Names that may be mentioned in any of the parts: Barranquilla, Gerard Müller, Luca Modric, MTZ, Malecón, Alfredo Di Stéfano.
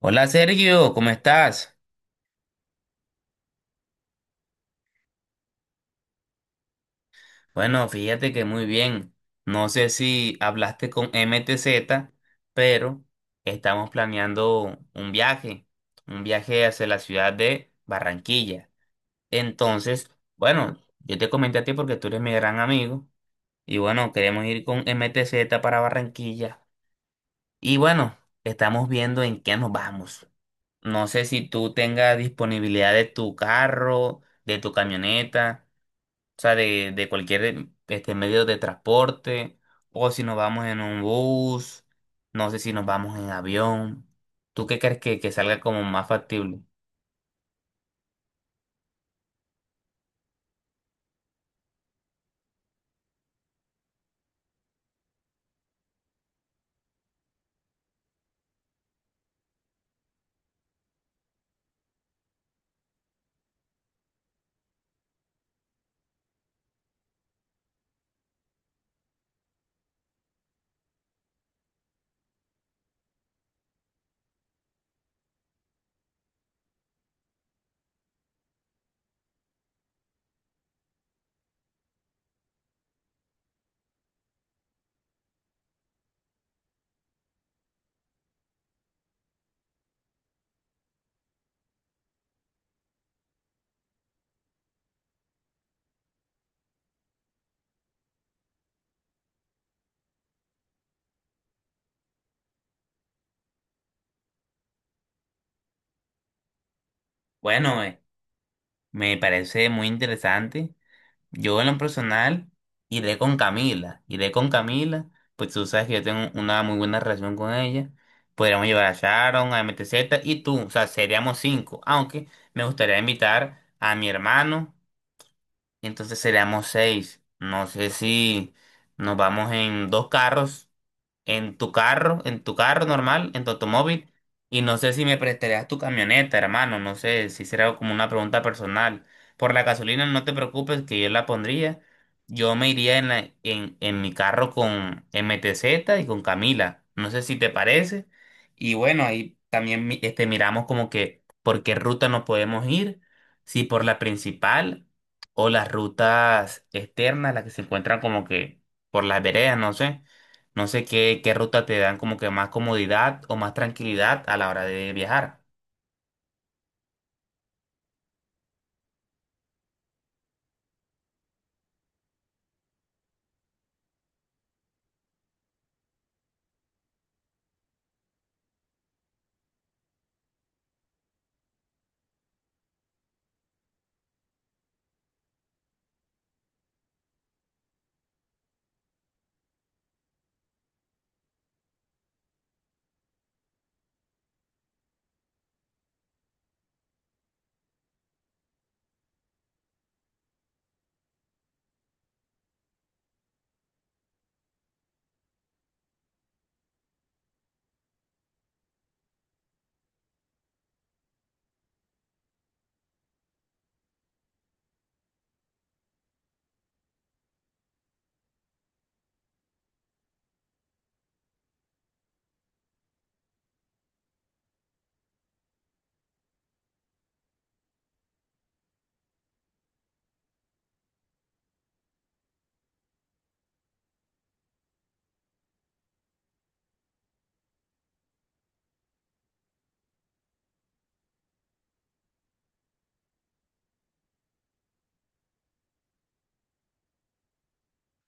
Hola Sergio, ¿cómo estás? Bueno, fíjate que muy bien. No sé si hablaste con MTZ, pero estamos planeando un viaje hacia la ciudad de Barranquilla. Entonces, bueno, yo te comenté a ti porque tú eres mi gran amigo y bueno, queremos ir con MTZ para Barranquilla. Y bueno, estamos viendo en qué nos vamos. No sé si tú tengas disponibilidad de tu carro, de tu camioneta. O sea, de cualquier medio de transporte, o si nos vamos en un bus, no sé si nos vamos en avión. ¿Tú qué crees que salga como más factible? Bueno, me parece muy interesante. Yo en lo personal iré con Camila, pues tú sabes que yo tengo una muy buena relación con ella. Podríamos llevar a Sharon, a MTZ y tú, o sea, seríamos cinco, aunque me gustaría invitar a mi hermano y entonces seríamos seis. No sé si nos vamos en dos carros en tu carro normal, en tu automóvil, y no sé si me prestarías tu camioneta, hermano, no sé si será como una pregunta personal. Por la gasolina no te preocupes que yo la pondría. Yo me iría en mi carro con MTZ y con Camila. No sé si te parece. Y bueno, ahí también miramos como que por qué ruta nos podemos ir, si por la principal o las rutas externas, las que se encuentran como que por las veredas, no sé. No sé qué ruta te dan como que más comodidad o más tranquilidad a la hora de viajar.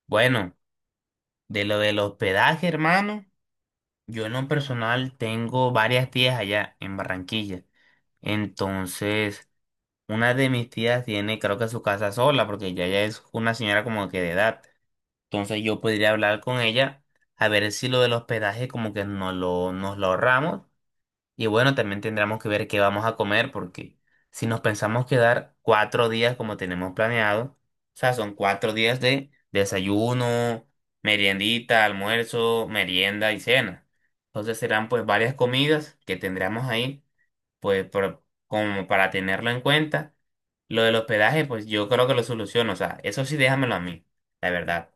Bueno, de lo del hospedaje, hermano, yo en lo personal tengo varias tías allá en Barranquilla. Entonces, una de mis tías tiene creo que su casa sola porque ya ella es una señora como que de edad. Entonces yo podría hablar con ella a ver si lo del hospedaje como que nos lo ahorramos. Y bueno, también tendremos que ver qué vamos a comer, porque si nos pensamos quedar 4 días como tenemos planeado, o sea, son 4 días de desayuno, meriendita, almuerzo, merienda y cena. Entonces serán pues varias comidas que tendremos ahí, pues como para tenerlo en cuenta. Lo del hospedaje, pues yo creo que lo soluciono, o sea, eso sí déjamelo a mí, la verdad.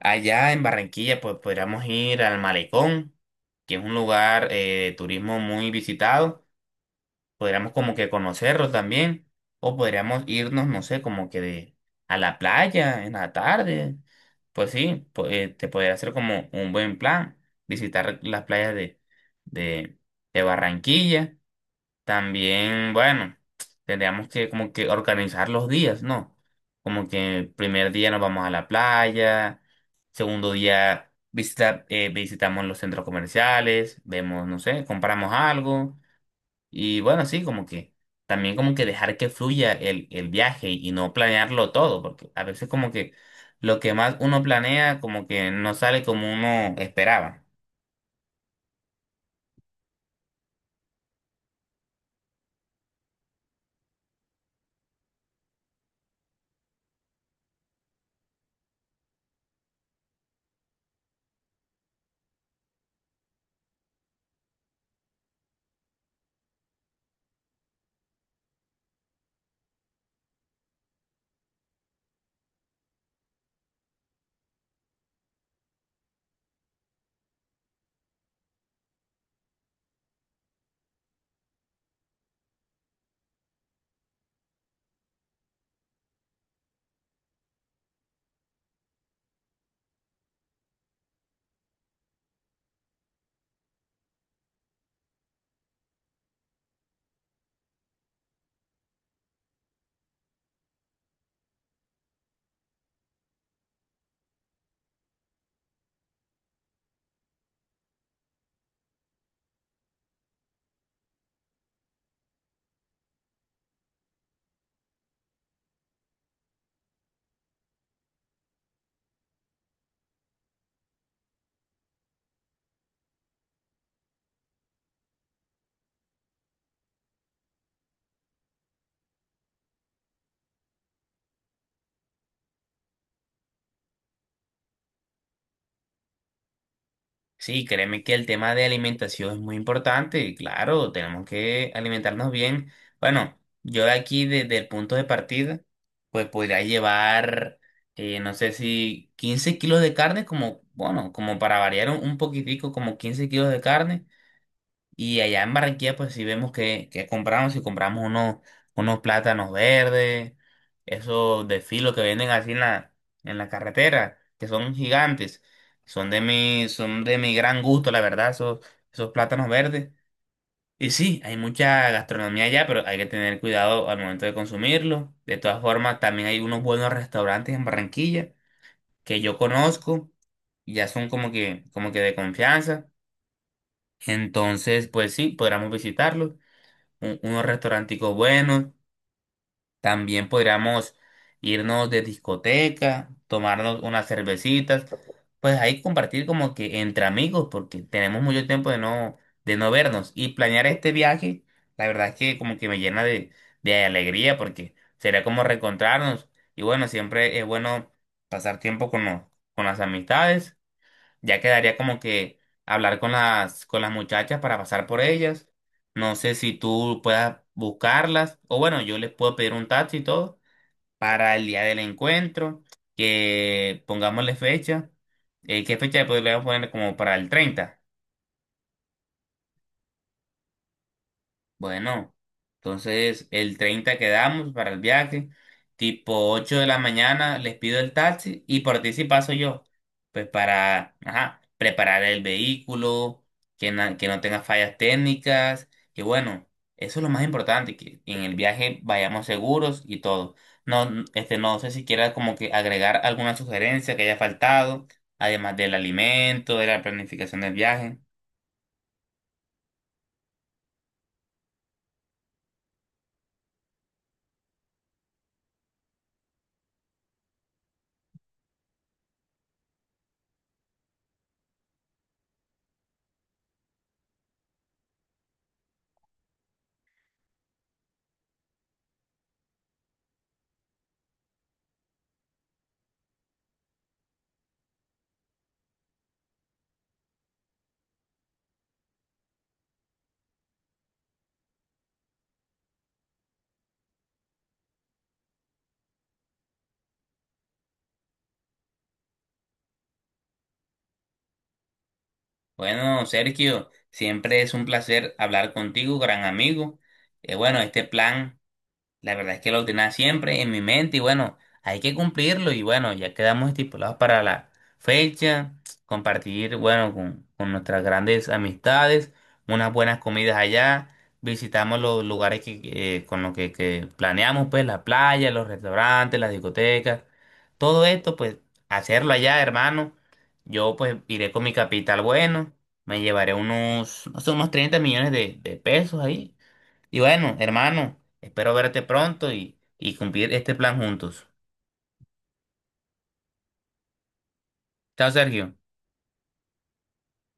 Allá en Barranquilla, pues podríamos ir al Malecón, que es un lugar de turismo muy visitado. Podríamos como que conocerlo también, o podríamos irnos, no sé, como que a la playa en la tarde. Pues sí, te podría hacer como un buen plan, visitar las playas de, de Barranquilla. También, bueno, tendríamos que como que organizar los días, ¿no? Como que el primer día nos vamos a la playa, segundo día visitamos los centros comerciales, vemos, no sé, compramos algo y bueno, sí, como que también como que dejar que fluya el viaje y no planearlo todo, porque a veces como que lo que más uno planea como que no sale como uno esperaba. Sí, créeme que el tema de alimentación es muy importante, y claro, tenemos que alimentarnos bien. Bueno, yo de aquí desde el punto de partida, pues podría llevar, no sé si 15 kilos de carne, como, bueno, como para variar un poquitico, como 15 kilos de carne. Y allá en Barranquilla, pues sí vemos que compramos, si compramos unos plátanos verdes, esos de filo que venden así en la carretera, que son gigantes, son de mi gran gusto, la verdad, esos plátanos verdes. Y sí, hay mucha gastronomía allá, pero hay que tener cuidado al momento de consumirlo. De todas formas, también hay unos buenos restaurantes en Barranquilla que yo conozco, y ya son como que de confianza. Entonces, pues sí, podríamos visitarlos unos restauranticos buenos. También podríamos irnos de discoteca, tomarnos unas cervecitas. Pues ahí compartir como que entre amigos, porque tenemos mucho tiempo de no vernos. Y planear este viaje, la verdad es que como que me llena de alegría, porque sería como reencontrarnos. Y bueno, siempre es bueno pasar tiempo con las amistades. Ya quedaría como que hablar con las muchachas para pasar por ellas. No sé si tú puedas buscarlas. O bueno, yo les puedo pedir un taxi y todo para el día del encuentro. Que pongámosle fecha. ¿Qué fecha le podríamos poner como para el 30? Bueno, entonces el 30 quedamos para el viaje, tipo 8 de la mañana les pido el taxi y por ti sí paso yo, pues para, ajá, preparar el vehículo, que no tenga fallas técnicas, que bueno, eso es lo más importante, que en el viaje vayamos seguros y todo. No, no sé si quieras como que agregar alguna sugerencia que haya faltado, además del alimento, de la planificación del viaje. Bueno, Sergio, siempre es un placer hablar contigo, gran amigo. Bueno, este plan. La verdad es que lo tenía siempre en mi mente y bueno, hay que cumplirlo y bueno, ya quedamos estipulados para la fecha, compartir, bueno, con nuestras grandes amistades, unas buenas comidas allá, visitamos los lugares con los que planeamos, pues la playa, los restaurantes, las discotecas, todo esto, pues hacerlo allá, hermano. Yo pues iré con mi capital bueno, me llevaré unos, no sé, unos 30 millones de pesos ahí y bueno, hermano, espero verte pronto y cumplir este plan juntos. Chao, Sergio.